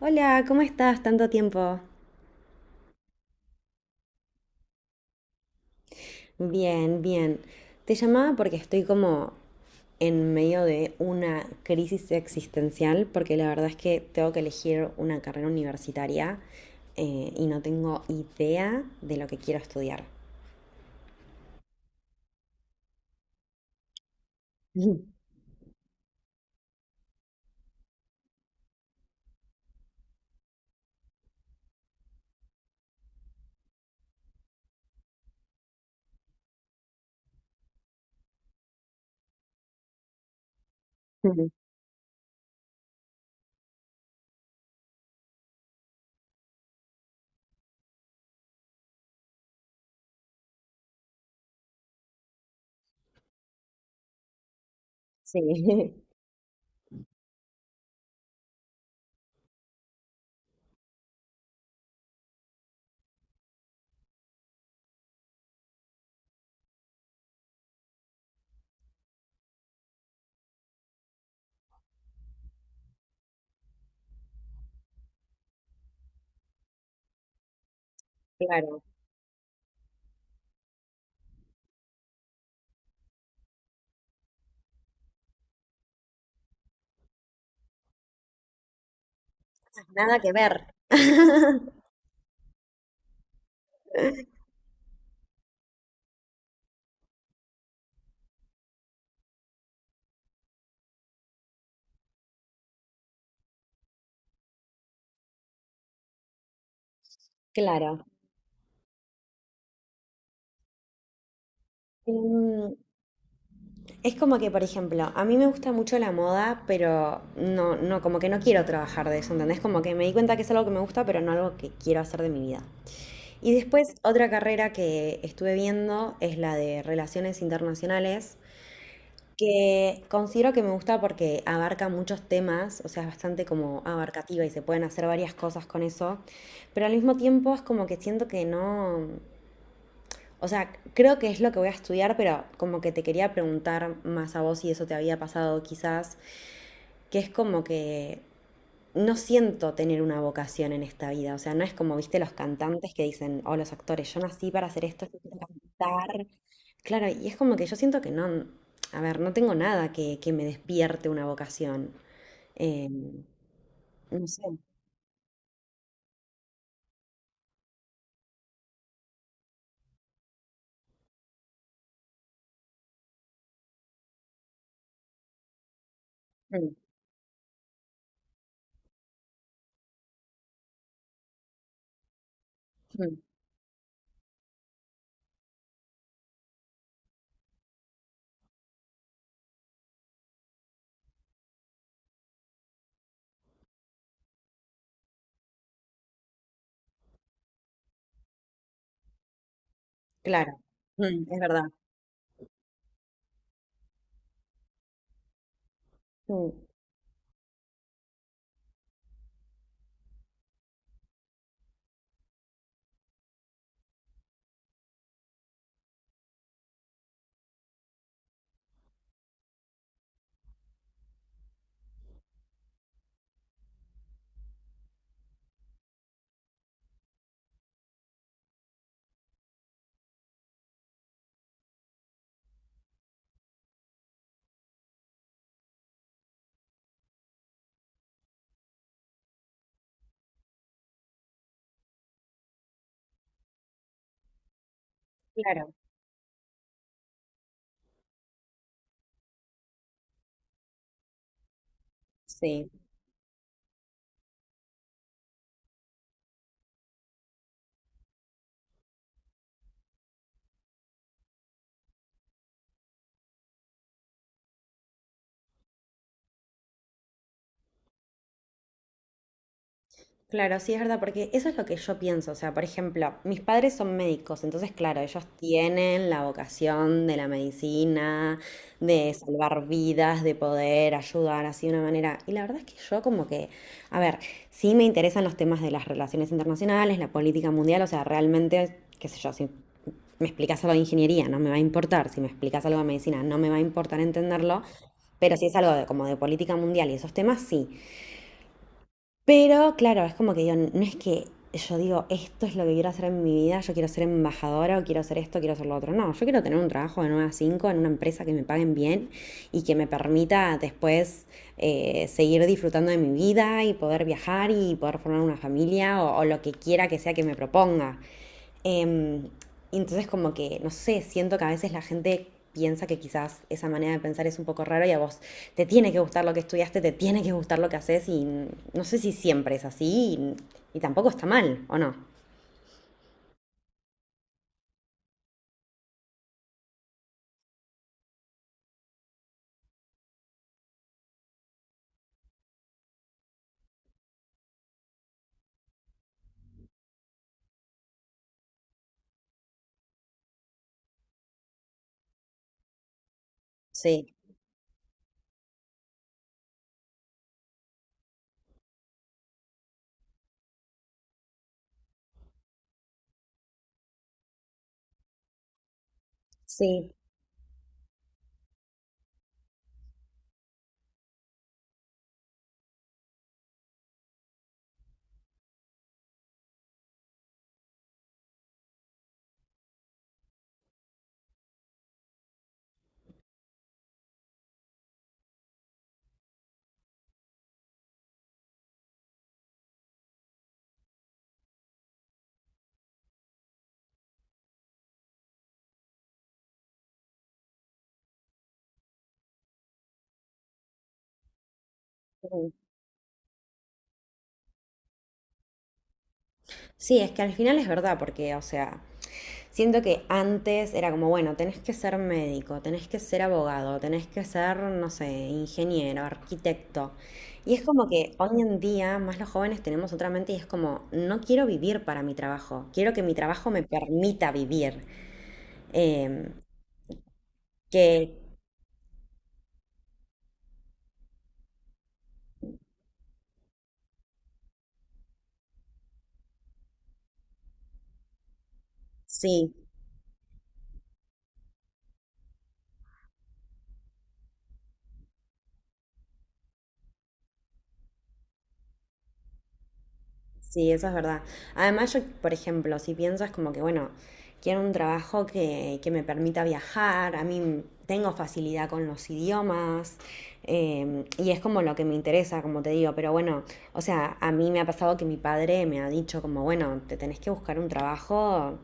Hola, ¿cómo estás? Tanto tiempo. Bien, bien. Te llamaba porque estoy como en medio de una crisis existencial, porque la verdad es que tengo que elegir una carrera universitaria, y no tengo idea de lo que quiero estudiar. Ujú. Sí, claro. Nada que ver. Claro. Em, Es como que, por ejemplo, a mí me gusta mucho la moda, pero como que no quiero trabajar de eso, ¿entendés? Como que me di cuenta que es algo que me gusta, pero no algo que quiero hacer de mi vida. Y después, otra carrera que estuve viendo es la de Relaciones Internacionales, que considero que me gusta porque abarca muchos temas, o sea, es bastante como abarcativa y se pueden hacer varias cosas con eso, pero al mismo tiempo es como que siento que no, o sea, creo que es lo que voy a estudiar, pero como que te quería preguntar más a vos si eso te había pasado quizás, que es como que no siento tener una vocación en esta vida. O sea, no es como, viste, los cantantes que dicen, o los actores, yo nací para hacer esto, yo quiero cantar. Claro, y es como que yo siento que no, a ver, no tengo nada que, que me despierte una vocación. Eh, no sé. Mm, mm, claro. Mm, es verdad. Mm, claro, sí. Claro, sí es verdad, porque eso es lo que yo pienso. O sea, por ejemplo, mis padres son médicos, entonces, claro, ellos tienen la vocación de la medicina, de salvar vidas, de poder ayudar así de una manera. Y la verdad es que yo como que, a ver, sí me interesan los temas de las relaciones internacionales, la política mundial, o sea, realmente, qué sé yo, si me explicas algo de ingeniería, no me va a importar, si me explicas algo de medicina, no me va a importar entenderlo. Pero si es algo de, como de política mundial y esos temas, sí. Pero claro, es como que yo, no es que yo digo, esto es lo que quiero hacer en mi vida, yo quiero ser embajadora o quiero hacer esto, quiero hacer lo otro. No, yo quiero tener un trabajo de 9 a 5 en una empresa que me paguen bien y que me permita después, seguir disfrutando de mi vida y poder viajar y poder formar una familia o lo que quiera que sea que me proponga. Em, y entonces como que, no sé, siento que a veces la gente piensa que quizás esa manera de pensar es un poco raro y a vos te tiene que gustar lo que estudiaste, te tiene que gustar lo que haces y no sé si siempre es así y tampoco está mal, ¿o no? Sí, sí. Sí, es que al final es verdad, porque, o sea, siento que antes era como, bueno, tenés que ser médico, tenés que ser abogado, tenés que ser, no sé, ingeniero, arquitecto. Y es como que hoy en día más los jóvenes tenemos otra mente y es como, no quiero vivir para mi trabajo, quiero que mi trabajo me permita vivir. Em, que sí. Sí, eso es verdad. Además, yo, por ejemplo, si piensas como que, bueno, quiero un trabajo que me permita viajar, a mí tengo facilidad con los idiomas, y es como lo que me interesa, como te digo, pero bueno, o sea, a mí me ha pasado que mi padre me ha dicho como, bueno, te tenés que buscar un trabajo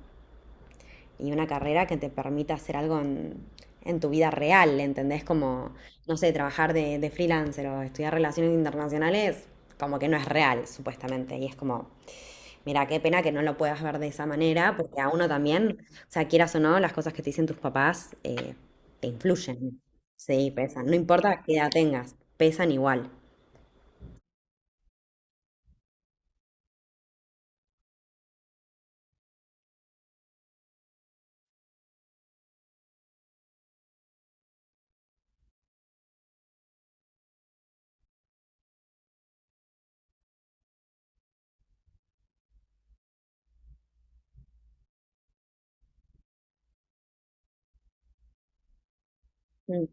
y una carrera que te permita hacer algo en tu vida real, ¿entendés? Como, no sé, trabajar de freelancer o estudiar relaciones internacionales, como que no es real, supuestamente, y es como... Mira, qué pena que no lo puedas ver de esa manera, porque a uno también, o sea, quieras o no, las cosas que te dicen tus papás, te influyen. Sí, pesan. No importa qué edad tengas, pesan igual. Mm.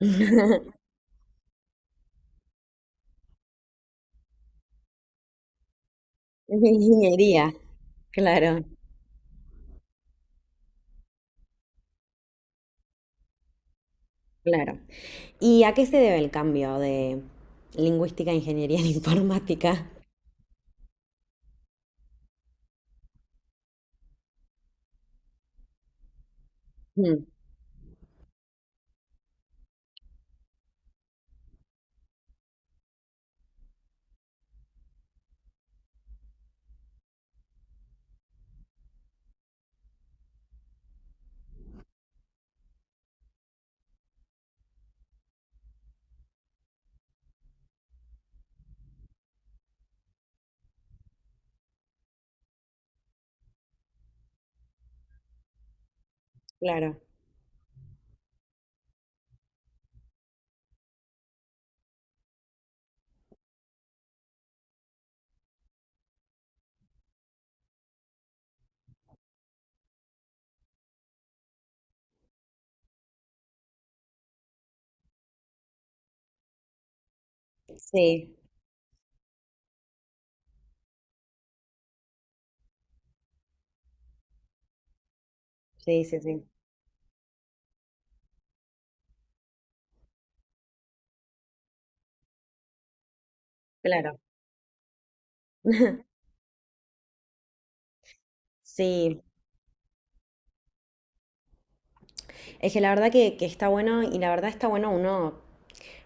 Es de Ingeniería. Claro, claro. ¿Y a qué se debe el cambio de lingüística a ingeniería en informática? Mm, claro, sí, sí, sí, sí, claro. Sí, es que la verdad que está bueno y la verdad está bueno uno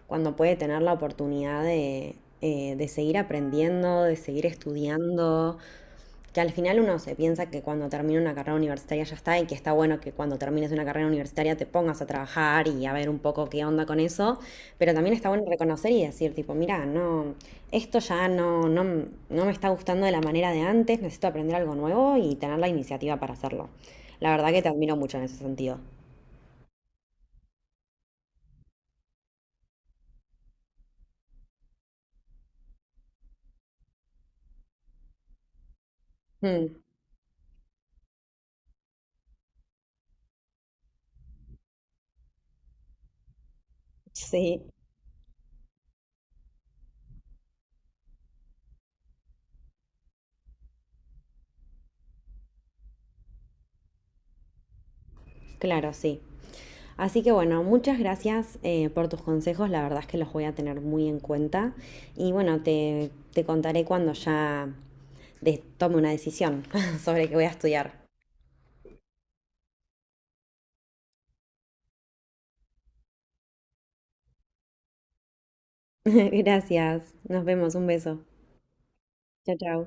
cuando puede tener la oportunidad de seguir aprendiendo, de seguir estudiando, que al final uno se piensa que cuando termina una carrera universitaria ya está y que está bueno que cuando termines una carrera universitaria te pongas a trabajar y a ver un poco qué onda con eso, pero también está bueno reconocer y decir tipo, mira, no, esto ya no me está gustando de la manera de antes, necesito aprender algo nuevo y tener la iniciativa para hacerlo. La verdad que te admiro mucho en ese sentido. Mm, sí. Claro, sí. Así que bueno, muchas gracias, por tus consejos, la verdad es que los voy a tener muy en cuenta y bueno, te contaré cuando ya tome una decisión sobre qué voy a estudiar. Gracias, nos vemos, un beso. Chao, chao.